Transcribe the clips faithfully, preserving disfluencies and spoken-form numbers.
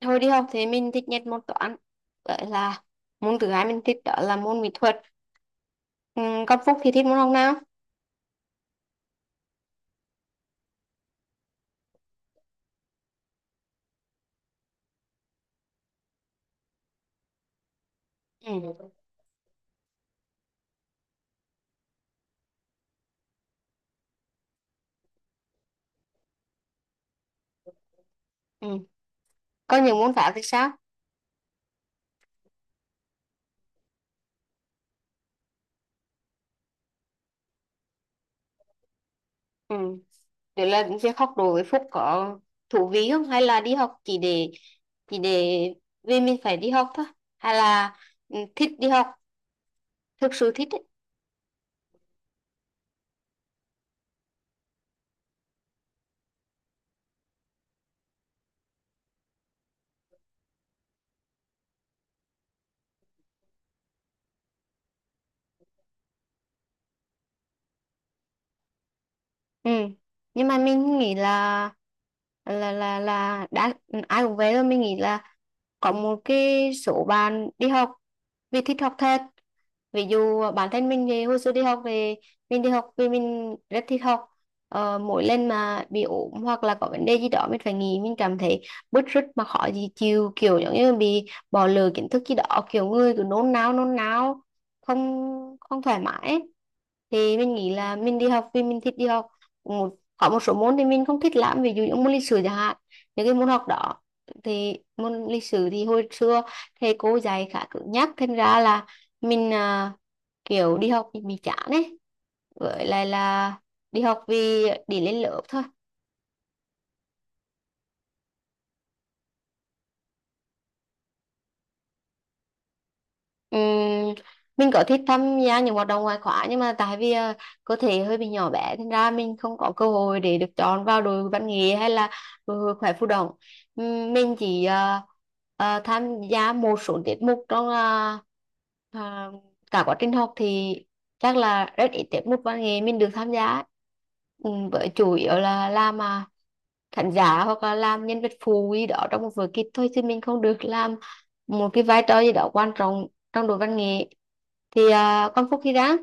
Thôi đi học thì mình thích nhất môn toán. Vậy là môn thứ hai mình thích đó là môn mỹ thuật. ừ, Còn Phúc thì thích môn học nào? Ừ. Ừ. Còn những môn khác thì sao? Ừ. Đấy là việc học đối với Phúc có thú vị không? Hay là đi học chỉ để chỉ để vì mình phải đi học thôi, hay là ừ, thích đi học, thực sự thích ấy. Ừ. Nhưng mà mình nghĩ là là là là đã ai cũng vậy rồi, mình nghĩ là có một cái số bạn đi học vì thích học thật. Ví dụ ờ, bản thân mình thì hồi xưa đi học thì mình đi học vì mình rất thích học. Ờ, mỗi lần mà bị ốm hoặc là có vấn đề gì đó mình phải nghỉ, mình cảm thấy bứt rứt mà khó gì chịu, kiểu giống như bị bỏ lỡ kiến thức gì đó, kiểu người cứ nôn nao nôn nao, không không thoải mái ấy. Thì mình nghĩ là mình đi học vì mình thích đi học. Một có một số môn thì mình không thích lắm, ví dụ như môn lịch sử chẳng hạn, những cái môn học đó. Thì môn lịch sử thì hồi xưa thầy cô dạy khá cứng nhắc, thành ra là mình à, kiểu đi học thì bị chán ấy, với lại là đi học vì để lên lớp thôi. Ừm, mình có thích tham gia những hoạt động ngoại khóa, nhưng mà tại vì ờ, cơ thể hơi bị nhỏ bé, thành ra mình không có cơ hội để được chọn vào đội văn nghệ hay là đội hội khỏe phù đồng. Ừm, mình chỉ ờ, ờ, tham gia một số tiết mục trong ờ, ờ, cả quá trình học thì chắc là rất ít tiết mục văn nghệ mình được tham gia ấy. Ừm, với chủ yếu là làm à, khán giả hoặc là làm nhân vật phụ gì đó trong một vở kịch, thôi chứ mình không được làm một cái vai trò gì đó quan trọng trong đội văn nghệ. Thì à, con Phúc khi ra.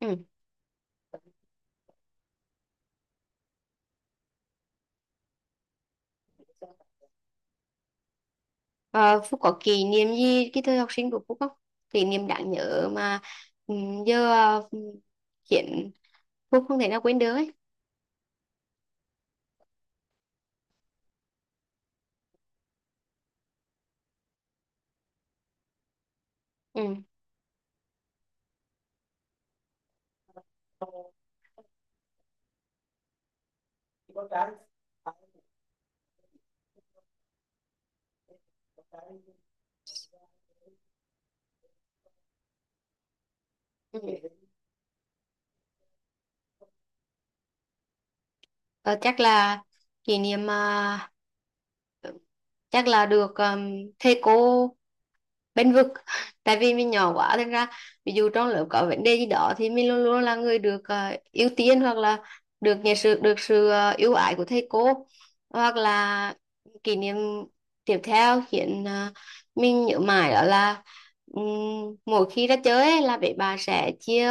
Ừ. Ờ, Phúc có kỷ niệm gì cái thời học sinh của Phúc không, kỷ niệm đáng nhớ mà ừ, giờ à, khiến Phúc không thể nào quên được ấy? Ừ. Ừ. Ờ, Chắc là kỷ niệm à, chắc là được um, thầy cô bênh vực tại vì mình nhỏ quá, thành ra ví dụ trong lớp có vấn đề gì đó thì mình luôn luôn là người được ờ, ưu tiên, hoặc là được nhận sự được sự ờ, ưu ái của thầy cô. Hoặc là kỷ niệm tiếp theo khiến ờ, mình nhớ mãi đó là, ừm, mỗi khi ra chơi ấy, là bé bà sẽ chia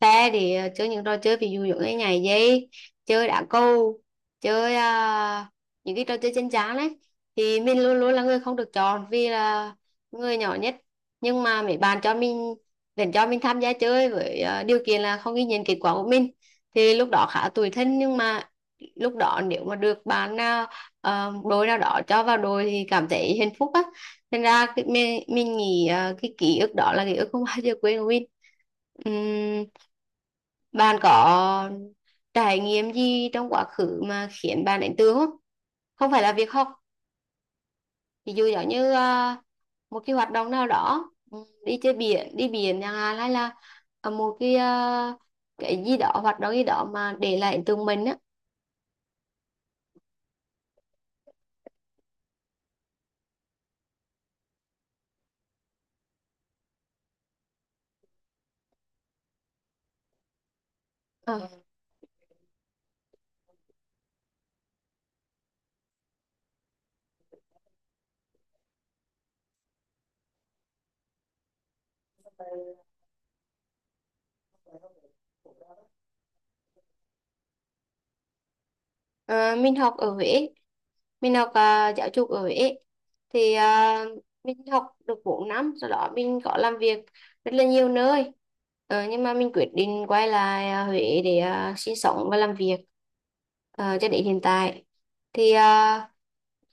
phe để ờ, chơi những trò chơi, ví dụ như nhảy dây, chơi đá cầu, chơi ờ, những cái trò chơi trên trán đấy. Thì mình luôn luôn là người không được chọn vì là người nhỏ nhất, nhưng mà mấy bạn cho mình vẫn cho mình tham gia chơi với ờ, điều kiện là không ghi nhận kết quả của mình. Thì lúc đó khá tủi thân, nhưng mà lúc đó nếu mà được bạn nào, ờ, đội nào đó cho vào đội thì cảm thấy hạnh phúc á. Nên ra cái- mình, mình nghĩ ờ, cái ký ức đó là ký ức không bao giờ quên của mình. Ừm, Bạn có trải nghiệm gì trong quá khứ mà khiến bạn ấn tượng không? Không phải là việc học, ví dụ giống như à, một cái hoạt động nào đó, ừ, đi chơi biển đi biển chẳng hạn, hay là à, một cái à, cái gì đó, hoạt động gì đó mà để lại ấn tượng mình á. Ờ, Ờ, mình học ở Huế, mình học à, giáo dục ở Huế. Thì à, mình học được bốn năm, sau đó mình có làm việc rất là nhiều nơi. Ờ, nhưng mà mình quyết định quay lại à, Huế để à, sinh sống và làm việc, Ờ, cho đến hiện tại. Thì à,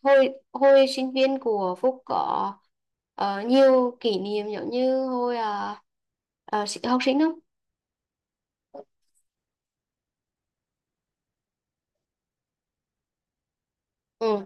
hồi hồi sinh viên của Phúc có ờ, nhiều kỷ niệm giống như hồi à, à, sĩ- học sinh không? Ừ.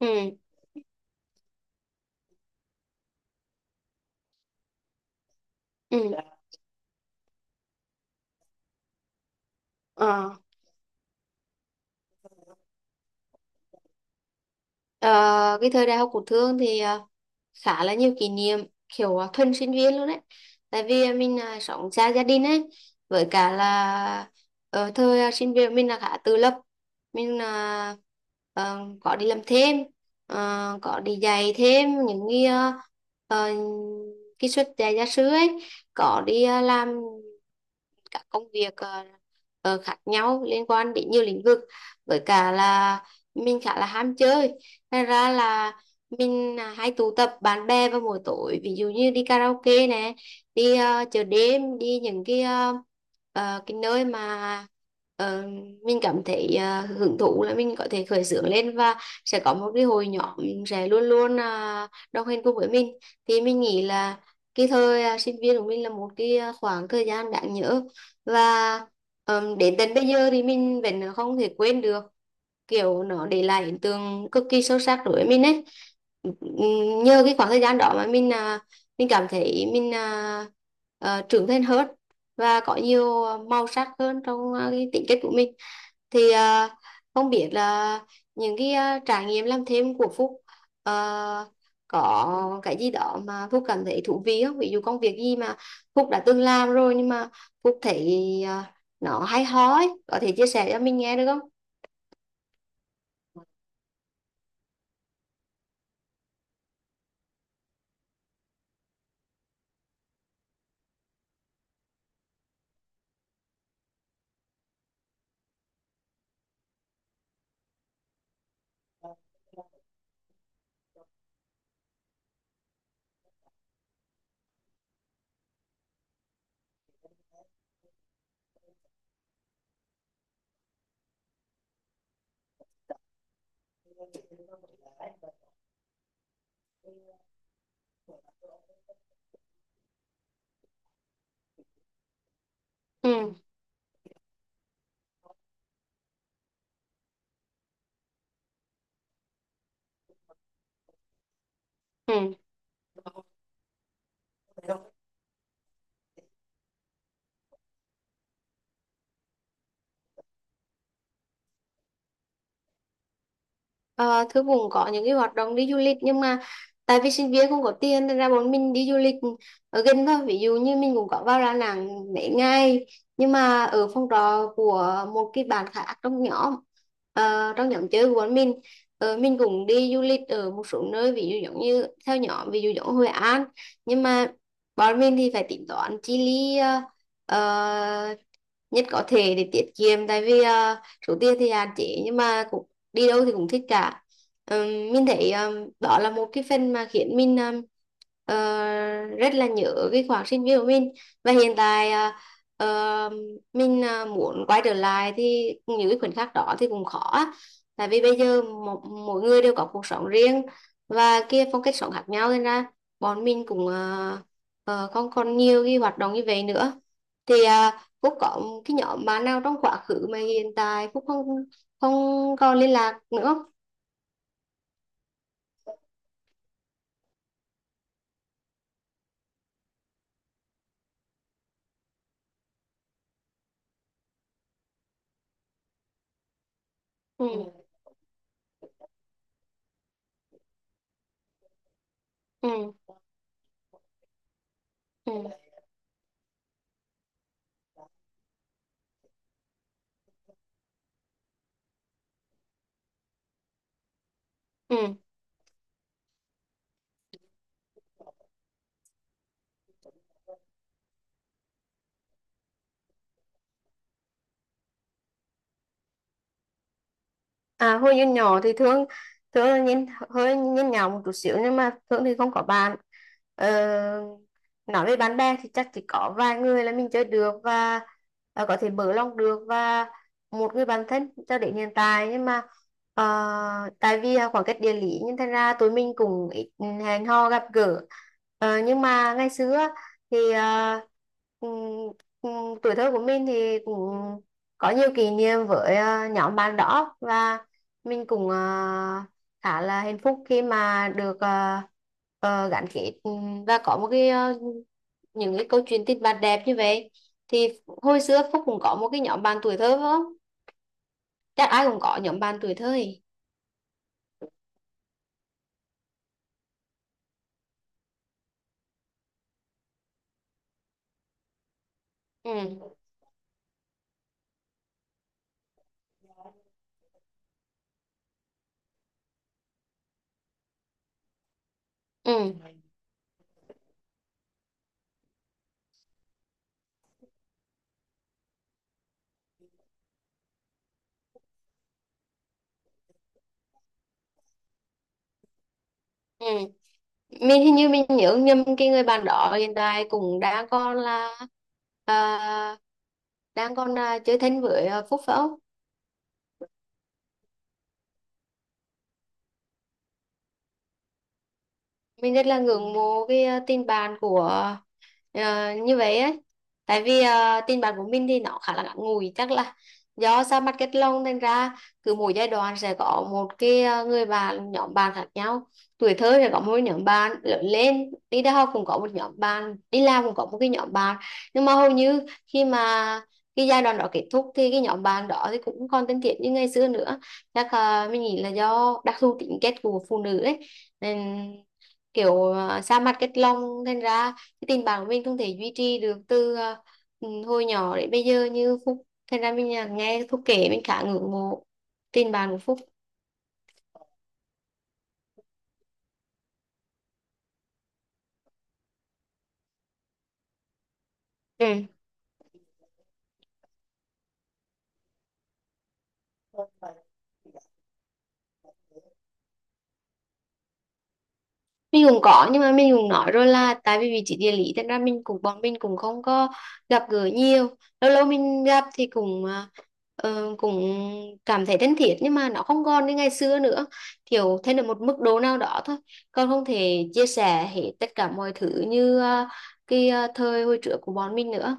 Ừ. Ừ. Ờ. Ờ, cái thời đại học của Thương thì ờ, khá là nhiều kỷ niệm, kiểu ờ, thuần sinh viên luôn đấy. Tại vì ờ, mình ờ, sống xa gia đình ấy, với cả là ở thời ờ, sinh viên mình là khá tự lập. Mình ờ, ờ, có đi làm thêm, ờ, có đi dạy thêm những cái ờ, ờ, cái suất dạy gia sư ấy, có đi ờ, làm các công việc ờ, ờ, khác nhau liên quan đến nhiều lĩnh vực. Với cả là mình khá là ham chơi. Thật ra là mình à, hay tụ tập bạn bè vào buổi tối, ví dụ như đi karaoke nè, đi ờ, chợ đêm, đi những cái ờ, ờ, cái nơi mà ờ, mình cảm thấy ờ, hưởng thụ, là mình có thể khởi xướng lên và sẽ có một cái hội nhóm sẽ luôn luôn uh, đồng hành cùng với mình. Thì mình nghĩ là cái thời à, sinh viên của mình là một cái à, khoảng thời gian đáng nhớ, và ờ, đến tận bây giờ thì mình vẫn không thể quên được, kiểu nó để lại ấn tượng cực kỳ sâu sắc đối với mình ấy. Ừm, nhờ cái khoảng thời gian đó mà mình à, mình cảm thấy mình à, à, trưởng thành hơn, và có nhiều màu sắc hơn trong à, cái tính cách của mình. Thì à, không biết là những cái à, trải nghiệm làm thêm của Phúc à, có cái gì đó mà Phúc cảm thấy thú vị không, ví dụ công việc gì mà Phúc đã từng làm rồi nhưng mà Phúc thấy à, nó hay ho ấy, có thể chia sẻ cho mình nghe được không? Ừ. Ừ. Ờ, Thư cũng có những cái hoạt động đi du lịch, nhưng mà tại vì sinh viên không có tiền nên ra bọn mình đi du lịch ở gần thôi. Ví dụ như mình cũng có vào Đà Nẵng mấy ngày, nhưng mà ở phòng trọ của một cái bạn khác trong nhóm, ờ, trong nhóm chơi của bọn mình. Ờ, mình cũng đi du lịch ở một số nơi ví dụ giống như theo nhóm, ví dụ giống Hội An. Nhưng mà bọn mình thì phải tính toán chi lý ờ, ờ, nhất có thể để tiết kiệm, tại vì ờ, số tiền thì hạn chế, nhưng mà cũng đi đâu thì cũng thích cả. Ừm, mình thấy ừm, đó là một cái phần mà khiến mình ừm, ờ, rất là nhớ cái khoảng sinh viên của mình, và hiện tại à, ờ, mình à, muốn quay trở lại thì những cái khoảnh khắc đó thì cũng khó á. Tại vì bây giờ mỗi, mỗi người đều có cuộc sống riêng, và kia phong cách sống khác nhau nên ra bọn mình cũng ờ, ờ, không còn nhiều cái hoạt động như vậy nữa. Thì à, Phúc có cái nhóm bạn nào trong quá khứ mà hiện tại Phúc không không còn liên lạc nữa? Ừ. Ừ. Ừ. Ừ. À, hồi nhỏ nhỏ thì Thương, Thương là nhìn hơi nhìn nhỏ một chút xíu, nhưng mà Thương thì không có bạn. ờ, nói về bạn bè thì chắc chỉ có vài người là mình chơi được và ờ, có thể mở lòng được, và một người bạn thân cho đến hiện tại. Nhưng mà ờ, tại vì là khoảng cách địa lý nên thành ra tụi mình cũng ít hẹn hò gặp gỡ. Ờ, nhưng mà ngày xưa thì ờ, ừm, ừm, tuổi thơ của mình thì cũng có nhiều kỷ niệm với ờ, nhóm bạn đó, và mình cũng ờ, khá là hạnh phúc khi mà được ờ, ờ, gắn kết ừ, và có một cái ờ, những cái câu chuyện tình bạn đẹp như vậy. Thì hồi xưa Phúc cũng có một cái nhóm bạn tuổi thơ phải không, chắc ai cũng có nhóm bạn tuổi thơ ấy. Ừ. Ừ. Ừ. Mình hình như mình nhớ nhầm cái người bạn đó hiện tại cũng đang còn là ờ, đang còn ờ, chơi thân với ờ, Phúc phải không? Mình rất là ngưỡng mộ cái ờ, tình bạn của ờ, như vậy ấy. Tại vì ờ, tình bạn của mình thì nó khá là ngắn ngủi, chắc là do ra mặt kết long nên ra cứ mỗi giai đoạn sẽ có một cái ờ, người bạn, nhóm bạn khác nhau. Tuổi thơ sẽ có một nhóm bạn, lớn lên đi đại học cũng có một nhóm bạn, đi làm cũng có một cái nhóm bạn. Nhưng mà hầu như khi mà cái giai đoạn đó kết thúc thì cái nhóm bạn đó thì cũng không còn thân thiết như ngày xưa nữa. Chắc ờ, mình nghĩ là do đặc thù tính cách của phụ nữ ấy, nên kiểu ờ, xa mặt cách lòng, thành ra cái tình bạn của mình không thể duy trì được từ ờ, ừ, hồi nhỏ đến bây giờ như Phúc. Thành ra mình ờ, nghe Phúc kể mình khá ngưỡng mộ tình bạn của Phúc. Ừ. Mình cũng có, nhưng mà mình cũng nói rồi là tại vì vị trí địa lý, thế ra mình cũng bọn mình cũng không có gặp gỡ nhiều. Lâu lâu mình gặp thì cũng à, ờ, cũng cảm thấy thân thiết, nhưng mà nó không còn như ngày xưa nữa, kiểu thêm được một mức độ nào đó thôi, còn không thể chia sẻ hết tất cả mọi thứ như à, cái à, thời hồi trước của bọn mình nữa.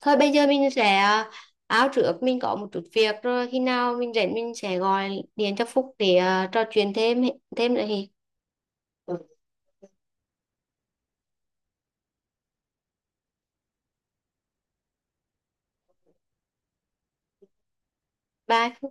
Thôi bây giờ mình sẽ à, áo trước mình có một chút việc rồi, khi nào mình rảnh mình sẽ gọi điện cho Phúc để à, trò chuyện thêm thêm nữa thì bye.